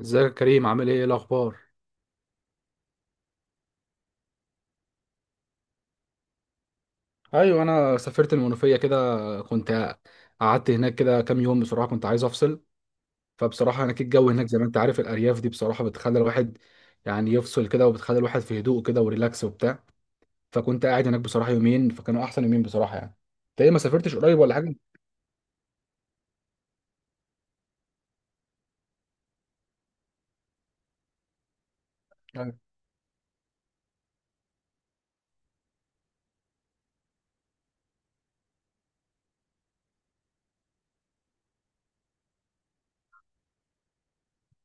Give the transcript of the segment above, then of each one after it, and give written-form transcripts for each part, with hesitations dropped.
ازيك يا كريم؟ عامل ايه؟ إيه الاخبار؟ ايوه، انا سافرت المنوفيه كده. كنت قعدت هناك كده كام يوم بصراحه كنت عايز افصل. فبصراحه هناك الجو، هناك زي ما انت عارف، الارياف دي بصراحه بتخلي الواحد يعني يفصل كده، وبتخلي الواحد في هدوء كده وريلاكس وبتاع. فكنت قاعد هناك بصراحه يومين، فكانوا احسن يومين بصراحه يعني. انت ايه؟ ما سافرتش قريب ولا حاجه؟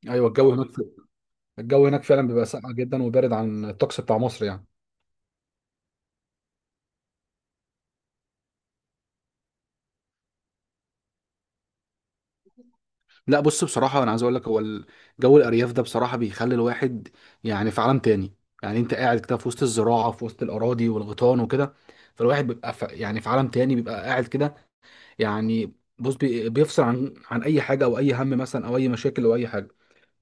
ايوه، الجو هناك فعلا بيبقى ساقع جدا وبارد عن الطقس بتاع مصر يعني. لا بص، بصراحة أنا عايز أقول لك هو جو الأرياف ده بصراحة بيخلي الواحد يعني في عالم تاني. يعني أنت قاعد كده في وسط الزراعة، في وسط الأراضي والغيطان وكده. فالواحد بيبقى في يعني في عالم تاني، بيبقى قاعد كده يعني. بص، بيفصل عن أي حاجة أو أي هم مثلا أو أي مشاكل أو أي حاجة.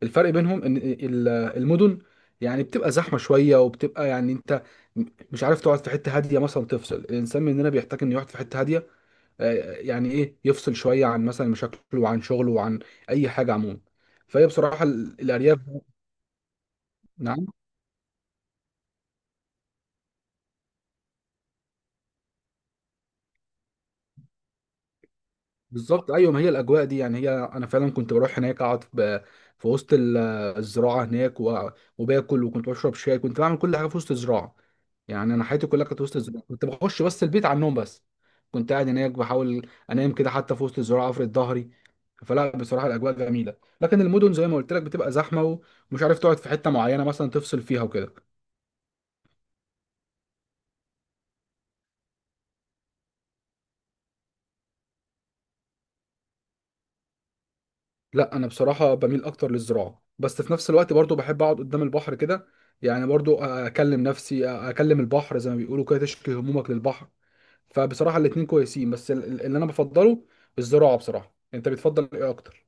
الفرق بينهم إن المدن يعني بتبقى زحمة شوية، وبتبقى يعني أنت مش عارف تقعد في حتة هادية مثلا تفصل. الإنسان مننا بيحتاج إنه يقعد في حتة هادية، يعني ايه يفصل شويه عن مثلا مشاكله وعن شغله وعن اي حاجه عموما. فهي بصراحه الارياف. نعم. بالظبط، ايوه، ما هي الاجواء دي. يعني هي انا فعلا كنت بروح هناك اقعد في وسط الزراعه هناك وباكل، وكنت بشرب شاي، كنت بعمل كل حاجه في وسط الزراعه. يعني انا حياتي كلها كانت وسط الزراعه، كنت بخش بس البيت على النوم بس. كنت قاعد هناك بحاول انام كده حتى في وسط الزراعه، افرد ظهري. فلا بصراحه الاجواء جميله، لكن المدن زي ما قلت لك بتبقى زحمه ومش عارف تقعد في حته معينه مثلا تفصل فيها وكده. لا، انا بصراحه بميل اكتر للزراعه، بس في نفس الوقت برضو بحب اقعد قدام البحر كده. يعني برضو اكلم نفسي، اكلم البحر، زي ما بيقولوا كده، تشكي همومك للبحر. فبصراحه الاتنين كويسين، بس اللي انا بفضله الزراعه بصراحه. انت بتفضل ايه اكتر؟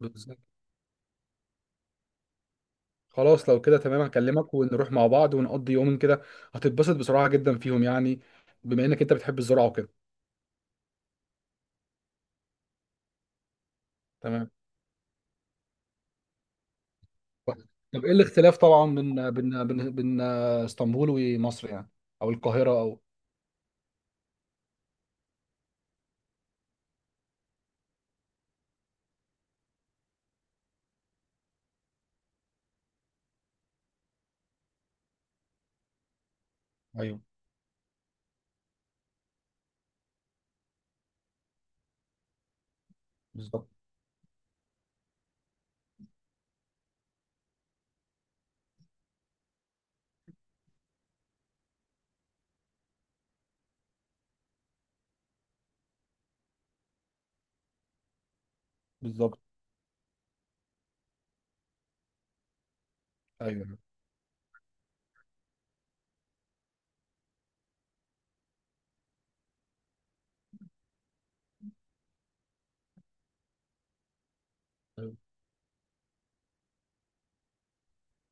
بالظبط. خلاص، لو كده تمام هكلمك ونروح مع بعض ونقضي يومين كده. هتتبسط بصراحه جدا فيهم، يعني بما انك انت بتحب الزراعه وكده. تمام. طب ايه الاختلاف طبعا بين اسطنبول ومصر، يعني او القاهرة او... ايوه، بالظبط، بالظبط، ايوه، أيوة.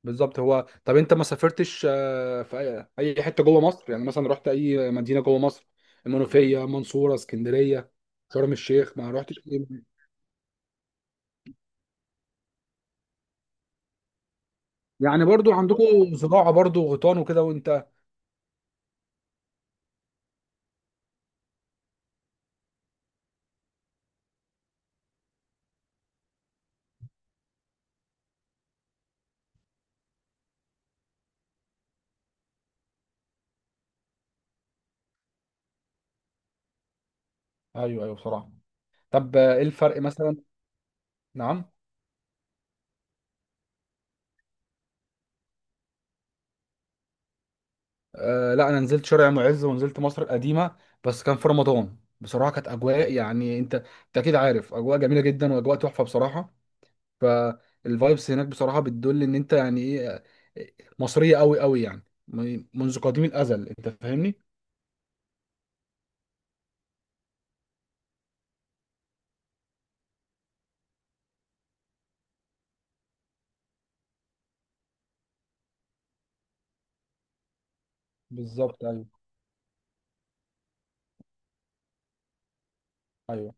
بالظبط. هو طب انت ما سافرتش في أي حته جوه مصر، يعني مثلا رحت اي مدينه جوه مصر؟ المنوفيه، منصوره، اسكندريه، شرم الشيخ؟ ما رحتش أي مدينة؟ يعني برضو عندكم زراعه برضو، غيطان وكده وانت... ايوه، ايوه، بصراحه. طب ايه الفرق مثلا؟ نعم. آه، لا انا نزلت شارع معز ونزلت مصر القديمه. بس كان في رمضان بصراحه كانت اجواء، يعني انت اكيد عارف، اجواء جميله جدا واجواء تحفه بصراحه. فالفايبس هناك بصراحة بتدل ان انت يعني ايه، مصرية قوي قوي يعني منذ قديم الازل. انت فاهمني؟ بالظبط، ايوه، ايوه.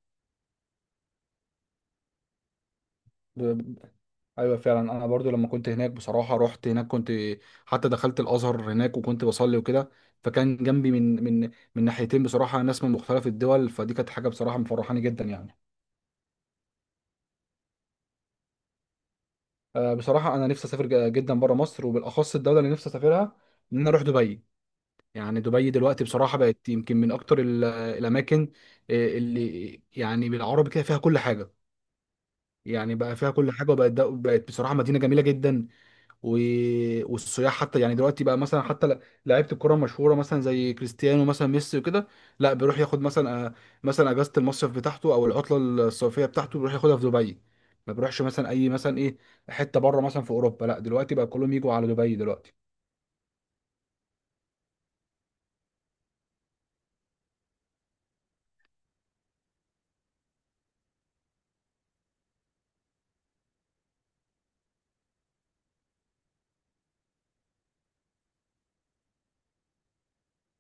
ب- ب- ايوه فعلا انا برضو لما كنت هناك بصراحه رحت هناك، حتى دخلت الازهر هناك وكنت بصلي وكده. فكان جنبي من ناحيتين بصراحه ناس من مختلف الدول. فدي كانت حاجه بصراحه مفرحاني جدا يعني. بصراحه انا نفسي اسافر جدا بره مصر، وبالاخص الدوله اللي نفسي اسافرها ان انا اروح دبي. يعني دبي دلوقتي بصراحة بقت يمكن من أكتر الأماكن. اللي يعني بالعربي كده فيها كل حاجة، يعني بقى فيها كل حاجة، وبقت بقت بصراحة مدينة جميلة جدا و... والسياح حتى، يعني دلوقتي بقى مثلا حتى لعيبة الكرة المشهورة مثلا زي كريستيانو مثلا ميسي وكده، لا بيروح ياخد مثلا مثلا أجازة المصيف بتاعته أو العطلة الصيفية بتاعته، بيروح ياخدها في دبي. ما بيروحش مثلا أي، مثلا إيه، حتة بره مثلا في أوروبا. لا دلوقتي بقى كلهم يجوا على دبي دلوقتي.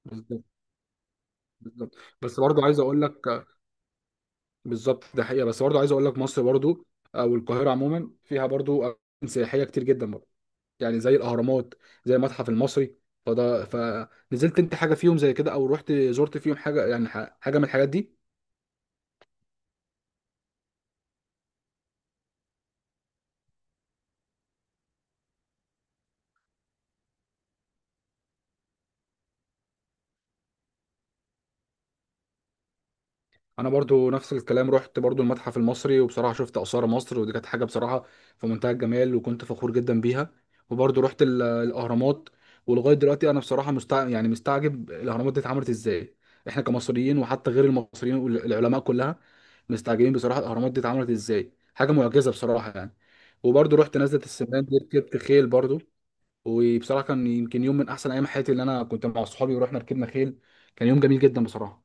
بالظبط، بالظبط. بس برضه عايز أقول لك، بالظبط ده حقيقه. بس برضه عايز اقول لك مصر برضه، او القاهره عموما، فيها برضه اماكن سياحيه كتير جدا برضه. يعني زي الاهرامات، زي المتحف المصري. فنزلت انت حاجه فيهم زي كده، او رحت زرت فيهم حاجه يعني حاجه من الحاجات دي؟ انا برضو نفس الكلام، رحت برضو المتحف المصري، وبصراحه شفت اثار مصر، ودي كانت حاجه بصراحه في منتهى الجمال، وكنت فخور جدا بيها. وبرضو رحت الاهرامات. ولغايه دلوقتي انا بصراحه يعني مستعجب الاهرامات دي اتعملت ازاي. احنا كمصريين وحتى غير المصريين والعلماء كلها مستعجبين بصراحه الاهرامات دي اتعملت ازاي. حاجه معجزه بصراحه يعني. وبرضو رحت نزله السمان دي، ركبت خيل برضو. وبصراحه كان يمكن يوم من احسن ايام حياتي، اللي انا كنت مع صحابي ورحنا ركبنا خيل. كان يوم جميل جدا بصراحه.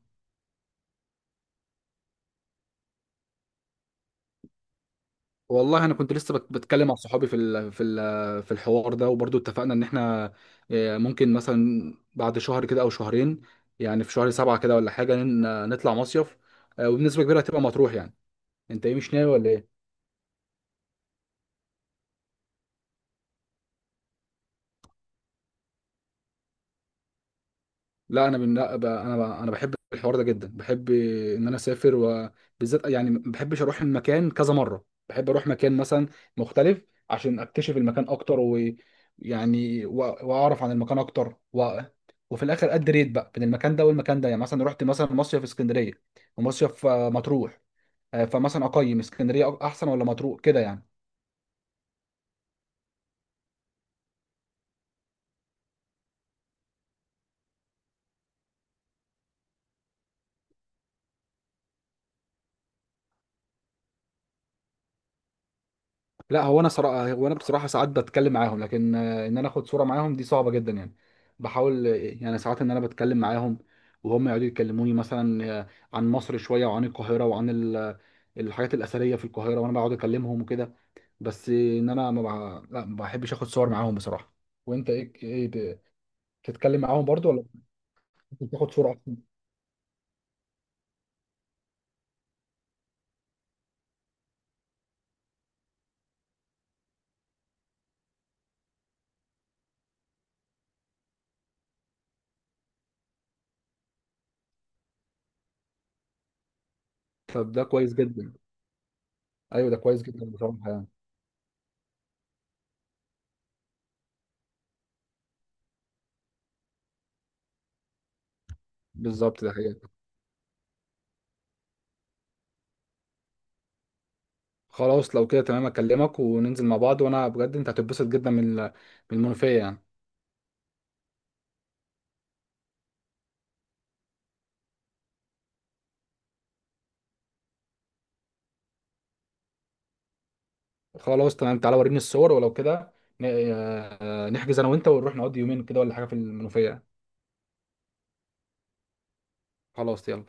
والله انا كنت لسه بتكلم مع صحابي في الحوار ده، وبرضو اتفقنا ان احنا ممكن مثلا بعد شهر كده او شهرين يعني في... لا انا بن... لا ب... انا ب... انا بحب الحوار ده جدا، بحب ان انا اسافر. وبالذات يعني ما بحبش اروح المكان كذا مره، بحب اروح مكان مثلا مختلف عشان اكتشف المكان اكتر ويعني واعرف عن المكان اكتر وفي الاخر اد ريت بقى بين المكان ده والمكان ده، يعني مثلا رحت مثلا مصيف في اسكندريه ومصيف مطروح. فمثلا اقيم اسكندريه احسن ولا مطروح كده يعني؟ لا هو انا بصراحه ساعات بتكلم معاهم، لكن ان انا اخد صوره معاهم دي صعبه جدا يعني. بحاول يعني ساعات ان انا بتكلم معاهم، وهم يقعدوا يكلموني مثلا عن مصر شويه، وعن القاهره، وعن الحاجات الاثريه في القاهره، وانا بقعد اكلمهم وكده. بس ان انا ما بع- لا ما بحبش اخد صور معاهم بصراحه. وانت ايه بتتكلم معاهم برضو ولا بتاخد صوره أحسن؟ طب ده كويس جدا. ايوه، ده كويس جدا بصراحه يعني. بالظبط، ده حقيقة. خلاص، لو كده تمام اكلمك وننزل مع بعض. وانا بجد انت هتتبسط جدا من المنوفية يعني. خلاص تمام، تعالى وريني الصور، ولو كده ن- نحجز انا وانت ونروح نقضي يومين كده ولا حاجة في المنوفية. خلاص يلا.